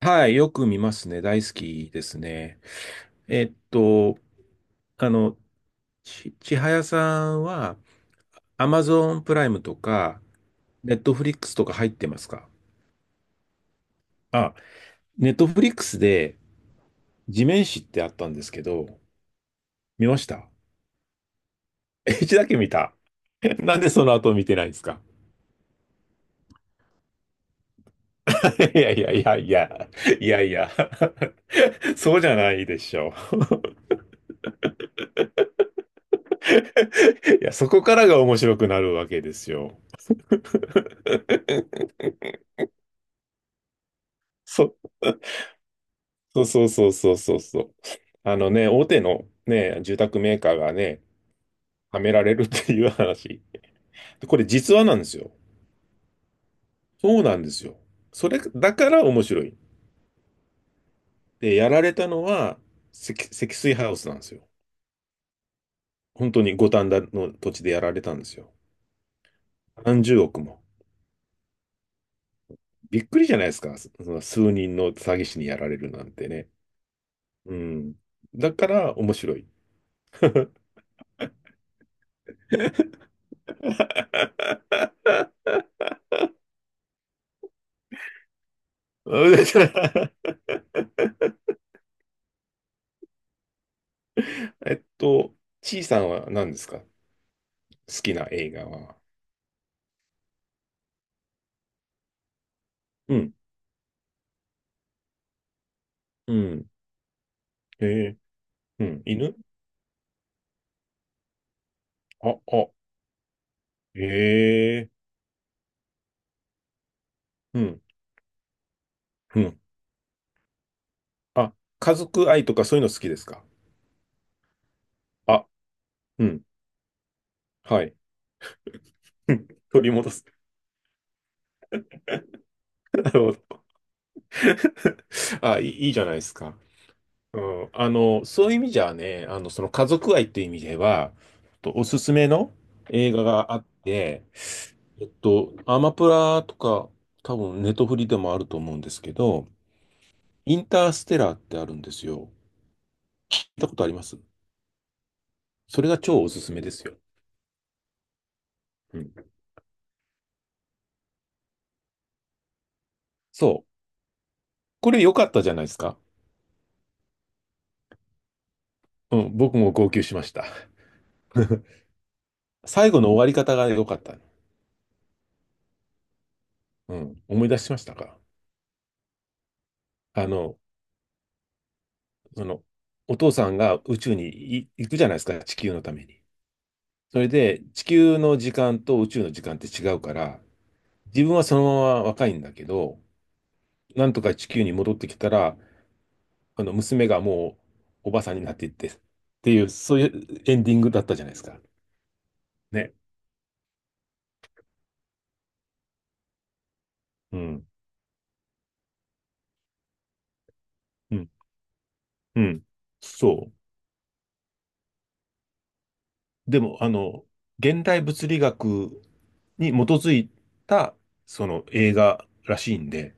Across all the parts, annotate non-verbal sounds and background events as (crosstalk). はい、よく見ますね。大好きですね。えっと、あの、ちはやさんは、アマゾンプライムとか、ネットフリックスとか入ってますか？あ、ネットフリックスで、地面師ってあったんですけど、見ました？ (laughs) 一だけ見た。(laughs) なんでその後見てないんですか？ (laughs) いやいやいやいや、いやいや、(laughs) そうじゃないでしょう。(laughs) いや、そこからが面白くなるわけですよ。そそうそうそうそうそうそう。あのね、大手のね、住宅メーカーがね、はめられるっていう話。これ実話なんですよ。そうなんですよ。それだから面白い。で、やられたのは積水ハウスなんですよ。本当に五反田の土地でやられたんですよ。何十億も。びっくりじゃないですか。その数人の詐欺師にやられるなんてね。うん。だから面白い。(laughs) えっと、ちいさんは何ですか？好きな映画は。うん、うん、ええ、うん、犬、あ、あ、へえ、うん、うん。あ、家族愛とかそういうの好きですか？あ、うん、はい。(laughs) 取り戻す。(laughs) なるほど。あ、いいじゃないですか。うん、そういう意味じゃね、その家族愛っていう意味では、とおすすめの映画があって、アマプラとか、多分ネトフリでもあると思うんですけど、インターステラーってあるんですよ。聞いたことあります？それが超おすすめですよ。うん。そう。これ良かったじゃないですか。うん。僕も号泣しました。最後の終わり方が良かった。うん。思い出しましたか？あの、その、お父さんが宇宙に行くじゃないですか。地球のために。それで、地球の時間と宇宙の時間って違うから、自分はそのまま若いんだけど、なんとか地球に戻ってきたら、娘がもうおばさんになっていって、っていう、そういうエンディングだったじゃないですか。ね。うん。うん。うん。そう。でも、現代物理学に基づいた、その映画らしいんで、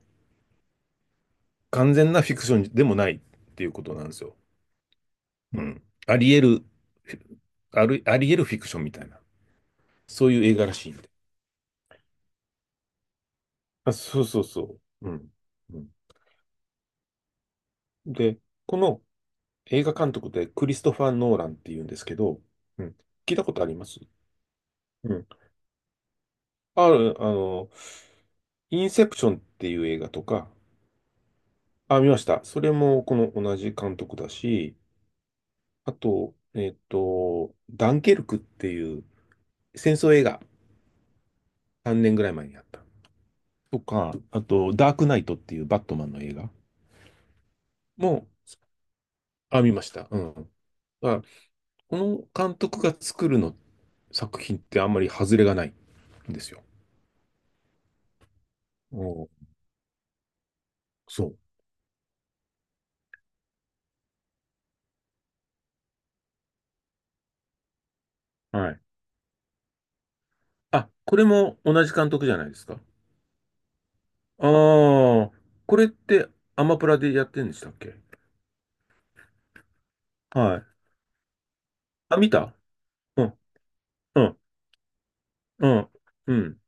完全なフィクションでもないっていうことなんですよ。うん。あり得る、ある、あり得るフィクションみたいな、そういう映画らしいんで。あ、そうそうそう。うん。うん、で、この映画監督でクリストファー・ノーランっていうんですけど、うん。聞いたことあります？うん。ある、あの、インセプションっていう映画とか、あ、見ました。それもこの同じ監督だし、あと、ダンケルクっていう戦争映画、3年ぐらい前にあった。とか、あと、ダークナイトっていうバットマンの映画も、あ、見ました。うん。だからこの監督が作るの作品ってあんまり外れがないんですよ。おうそう。はい。あ、これも同じ監督じゃないですか。ああ、これってアマプラでやってんでしたっけ？はい。あ、見た。うん。うんうん。うん。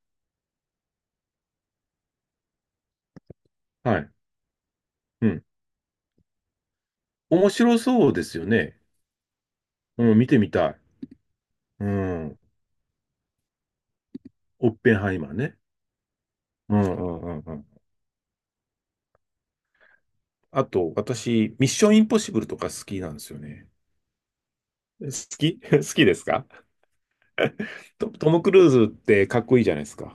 はい。うん。面白そうですよね。うん。見てみたい。うん。オッペンハイマーね。うんうんうんうん。あと、私、ミッションインポッシブルとか好きなんですよね。好き (laughs) 好きですか？トム・クルーズってかっこいいじゃないですか。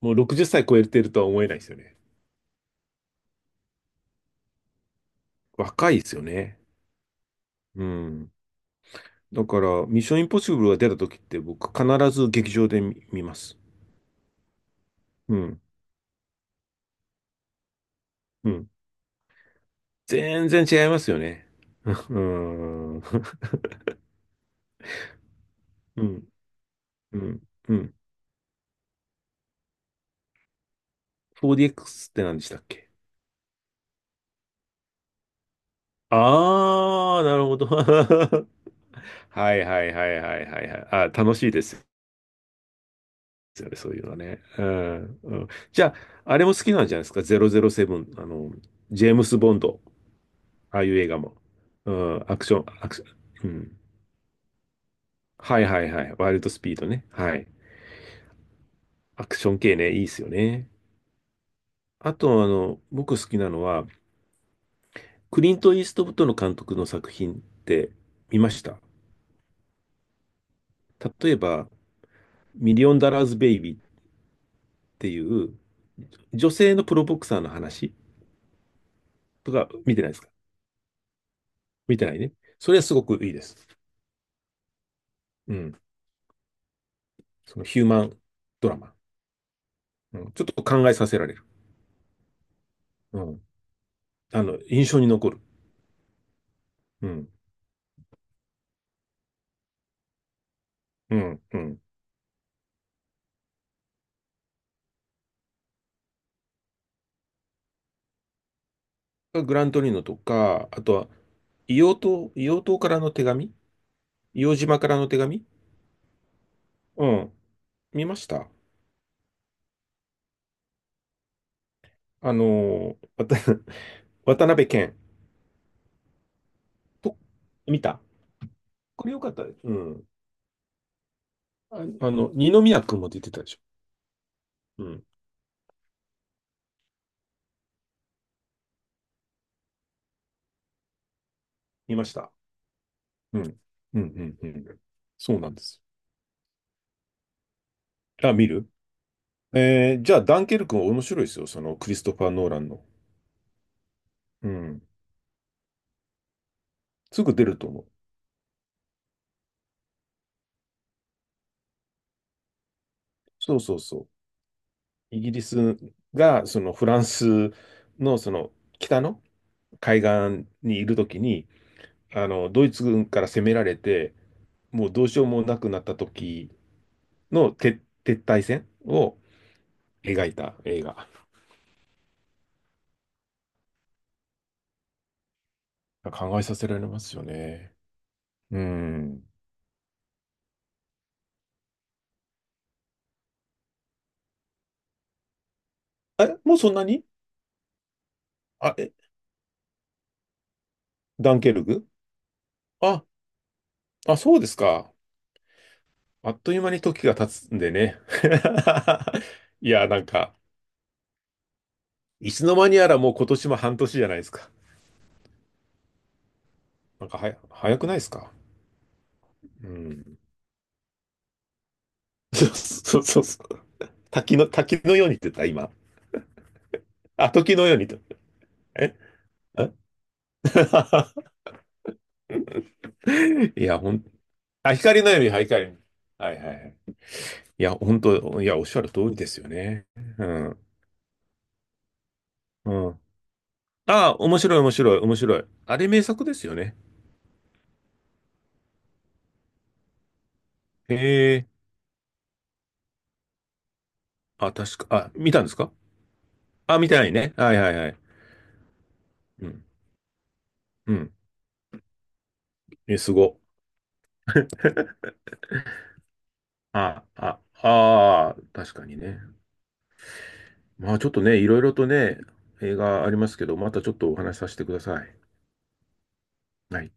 もう60歳超えてるとは思えないですよね。若いですよね。うん。だから、ミッションインポッシブルが出た時って僕必ず劇場で見ます。うん。うん。全然違いますよね。(laughs) うん。うんうん。うん。4DX って何でしたっけ？あー、なるほど。(laughs) はいはいはいはいはいはい。あ、楽しいですよね、そういうのはね。うん。うん、じゃあ、あれも好きなんじゃないですか？ 007、ジェームス・ボンド、ああいう映画も。うん、アクション、うん。はいはいはい。ワイルドスピードね。はい。アクション系ね、いいですよね。あと、僕好きなのは、クリント・イーストウッドの監督の作品って見ました？例えば、ミリオンダラーズ・ベイビーっていう女性のプロボクサーの話とか見てないですか？見てないね。それはすごくいいです。うん。そのヒューマンドラマ。うん。ちょっと考えさせられる。うん。印象に残る。うん。うん。うん。グラントリーノとか、あとは、硫黄島からの手紙。硫黄島からの手紙。うん。見ました？わた (laughs) 渡辺謙と、見た？これよかったです。うん。ああ、二宮君も出てたでしょ。うん。見ました。うん。うん、うん、うん。そうなんです。あ、見る？じゃあ、ダンケルクも面白いですよ。その、クリストファー・ノーランの。うん。すぐ出ると思う。そうそうそう。イギリスが、その、フランスの、その、北の海岸にいるときに、ドイツ軍から攻められて、もうどうしようもなくなった時の撤退戦を描いた映画。考えさせられますよね。うん。え、もうそんなに？あ、ダンケルク？あ、あ、そうですか。あっという間に時が経つんでね。(laughs) いや、なんか、いつの間にやらもう今年も半年じゃないですか。なんか早くないですか？うん。(laughs) そうそうそうそう。滝のようにって言った、今。あ、時のようにと。ええ (laughs) いや、ほん、あ、光のように、はい、光はいはいはい。いや、本当、いや、おっしゃる通りですよね。うん。うん。ああ、面白い面白い面白い。あれ名作ですよね。へえ。あ、確か、あ、見たんですか？あ、見てないね。はいはいはい。うん。うん。え、すご。あ、あ、ああ、確かにね。まあちょっとね、いろいろとね、映画ありますけど、またちょっとお話しさせてください。はい。